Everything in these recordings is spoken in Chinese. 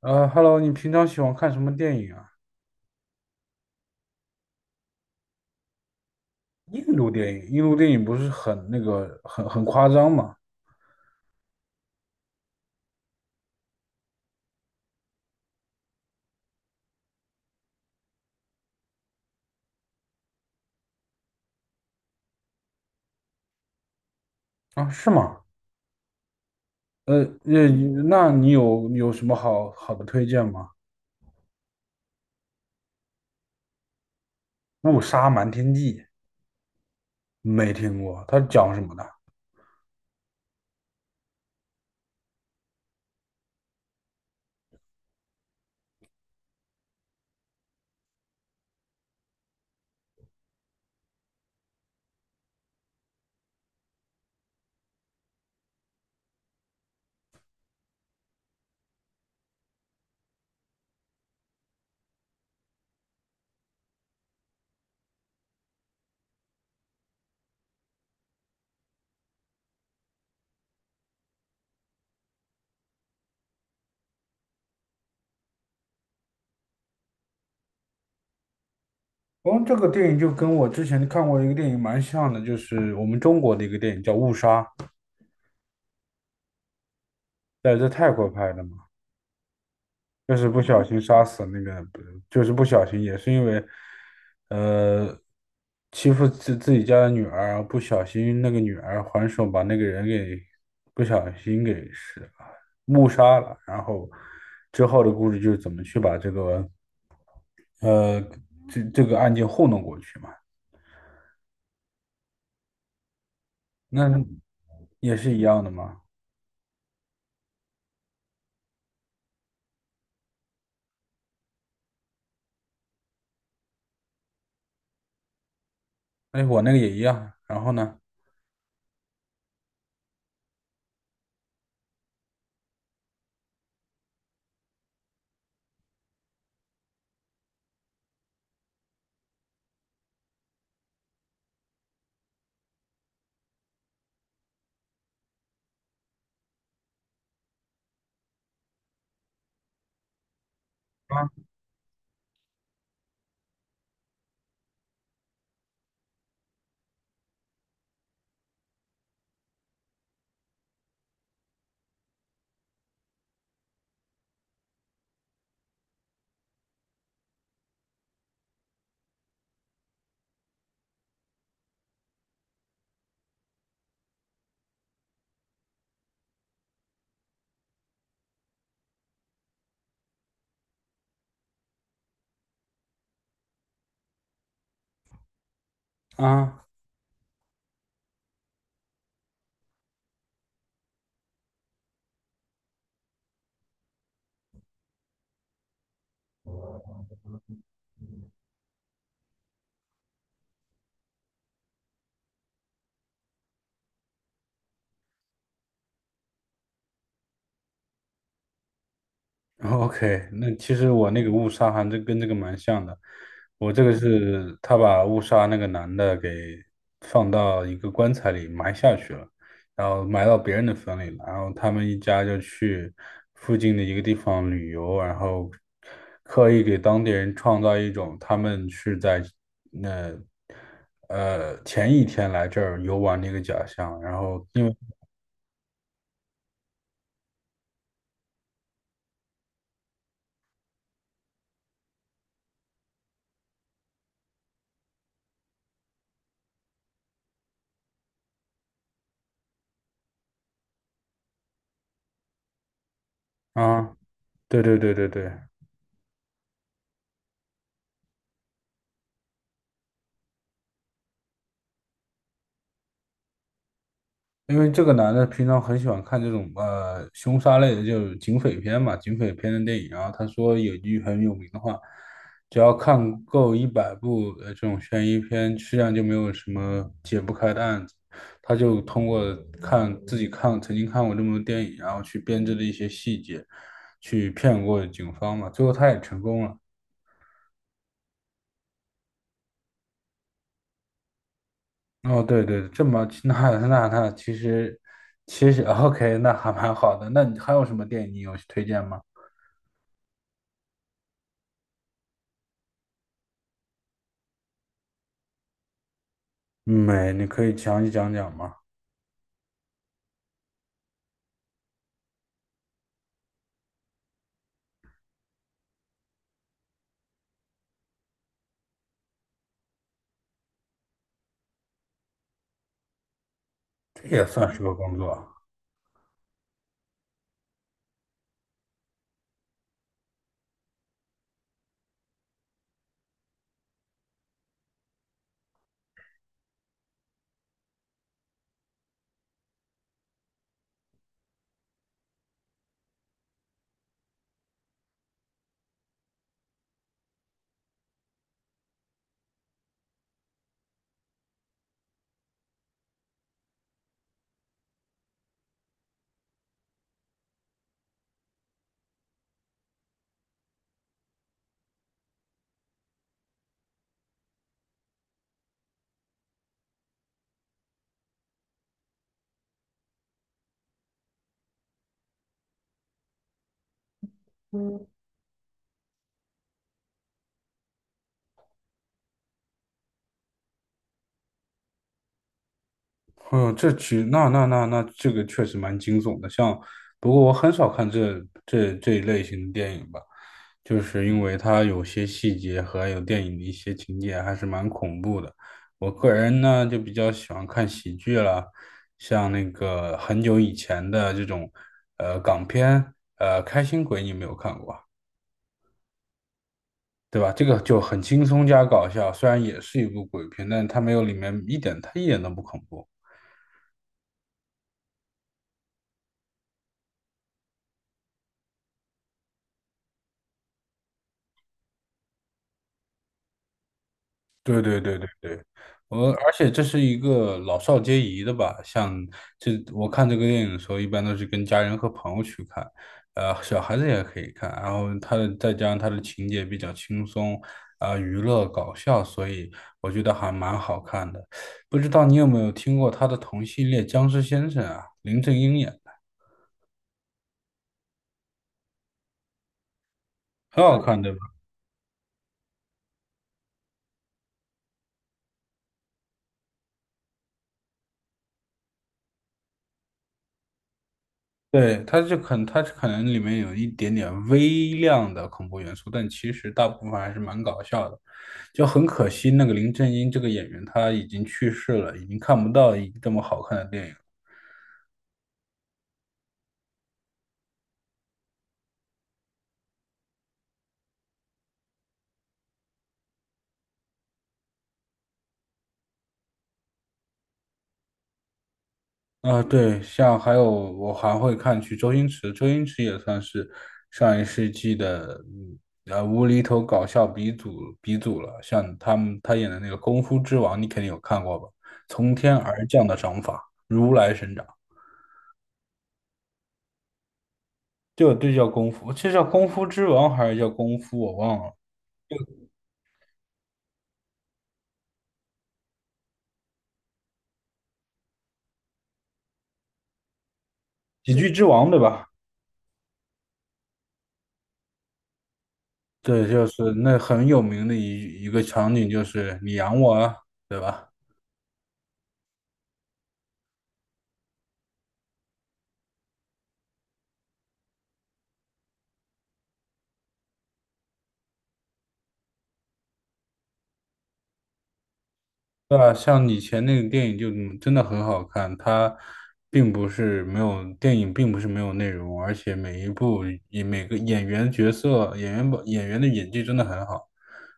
Hello,你平常喜欢看什么电影啊？印度电影，印度电影不是很那个，很夸张吗？啊，是吗？呃，那那你有什么好的推荐吗？《误杀瞒天记》，没听过，它讲什么的？哦，这个电影就跟我之前看过一个电影蛮像的，就是我们中国的一个电影叫《误杀》，在泰国拍的。就是不小心杀死那个，不就是不小心，也是因为，呃，欺负自己家的女儿，不小心那个女儿还手把那个人给不小心给是误杀了，然后之后的故事就是怎么去把这个呃这个案件糊弄过去嘛，那也是一样的嘛。哎，我那个也一样，然后呢？啊啊。OK,那其实我那个误杀还真跟这个蛮像的。我这个是他把误杀那个男的给放到一个棺材里埋下去了，然后埋到别人的坟里了。然后他们一家就去附近的一个地方旅游，然后刻意给当地人创造一种他们是在那前一天来这儿游玩的一个假象。然后因为啊，对对对对对。因为这个男的平常很喜欢看这种凶杀类的，就是警匪片嘛，警匪片的电影啊。然后他说有一句很有名的话，只要看够一百部这种悬疑片，实际上就没有什么解不开的案子。他就通过看自己看曾经看过这么多电影，然后去编织的一些细节，去骗过警方嘛。最后他也成功了。哦，对对，这么那那那其实OK,那还蛮好的。那你还有什么电影你有推荐吗？没，你可以详细讲讲吗？这也算是个工作啊。嗯，这其那那那那这个确实蛮惊悚的。像，不过我很少看这一类型的电影吧，就是因为它有些细节和还有电影的一些情节还是蛮恐怖的。我个人呢就比较喜欢看喜剧了，像那个很久以前的这种港片，《开心鬼》，你有没有看过？对吧？这个就很轻松加搞笑，虽然也是一部鬼片，但它没有里面一点，它一点都不恐怖。对对对对对，我而且这是一个老少皆宜的吧，像这我看这个电影的时候，一般都是跟家人和朋友去看，小孩子也可以看，然后它的再加上它的情节比较轻松，啊、娱乐搞笑，所以我觉得还蛮好看的。不知道你有没有听过他的同系列《僵尸先生》啊，林正英演的，很好看的。对，它就可能，它可能里面有一点点微量的恐怖元素，但其实大部分还是蛮搞笑的。就很可惜，那个林正英这个演员他已经去世了，已经看不到一这么好看的电影了。啊、对，像还有我还会周星驰，周星驰也算是上一世纪的无厘头搞笑鼻祖了。像他们他演的那个《功夫之王》，你肯定有看过吧？从天而降的掌法，如来神掌。对对，叫功夫，这叫功夫之王还是叫功夫？我忘了。喜剧之王对吧？对，就是那很有名的一个场景，就是你养我啊，对吧？对啊，像以前那个电影就真的很好看，它并不是没有电影，并不是没有内容，而且每一部以每个演员角色演员把演员的演技真的很好，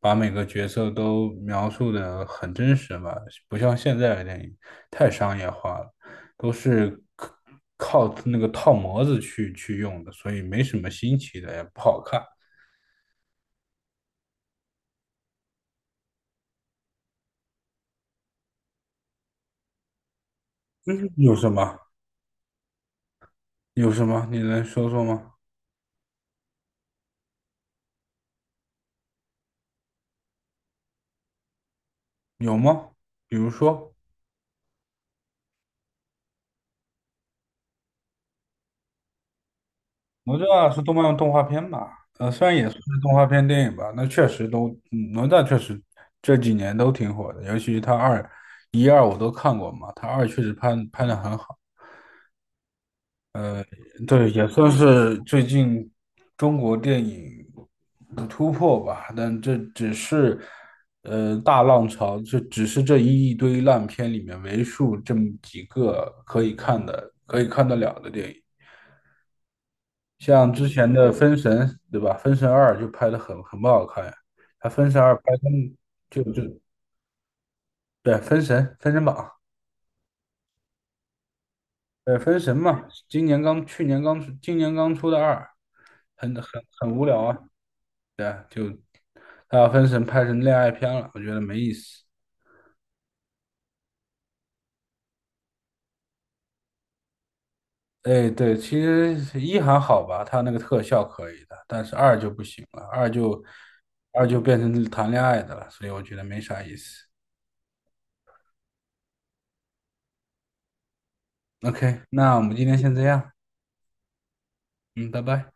把每个角色都描述的很真实吧，不像现在的电影太商业化了，都是靠那个套模子去用的，所以没什么新奇的，也不好看。嗯，有什么？有什么？你能说说吗？有吗？比如说。哪吒是动漫动画片吧？是动画片电影吧？那确实都，哪吒确实这几年都挺火的，尤其是他二、一二我都看过嘛，他二确实拍的很好。对，也算是最近中国电影的突破吧，但这只是大浪潮，这只是这一堆烂片里面为数这么几个可以看的、可以看得了的电影。像之前的《封神》，对吧？《封神二》就拍的很不好看呀。他《封神二》拍成就就对，《封神》《封神榜》，对《封神》嘛，今年刚去年刚出，今年刚出的二，很无聊啊。对啊，就他把《封神》拍成恋爱片了，我觉得没意思。哎，对，其实一还好吧，他那个特效可以的，但是二就不行了，二就变成谈恋爱的了，所以我觉得没啥意思。OK,那我们今天先这样，嗯，拜拜。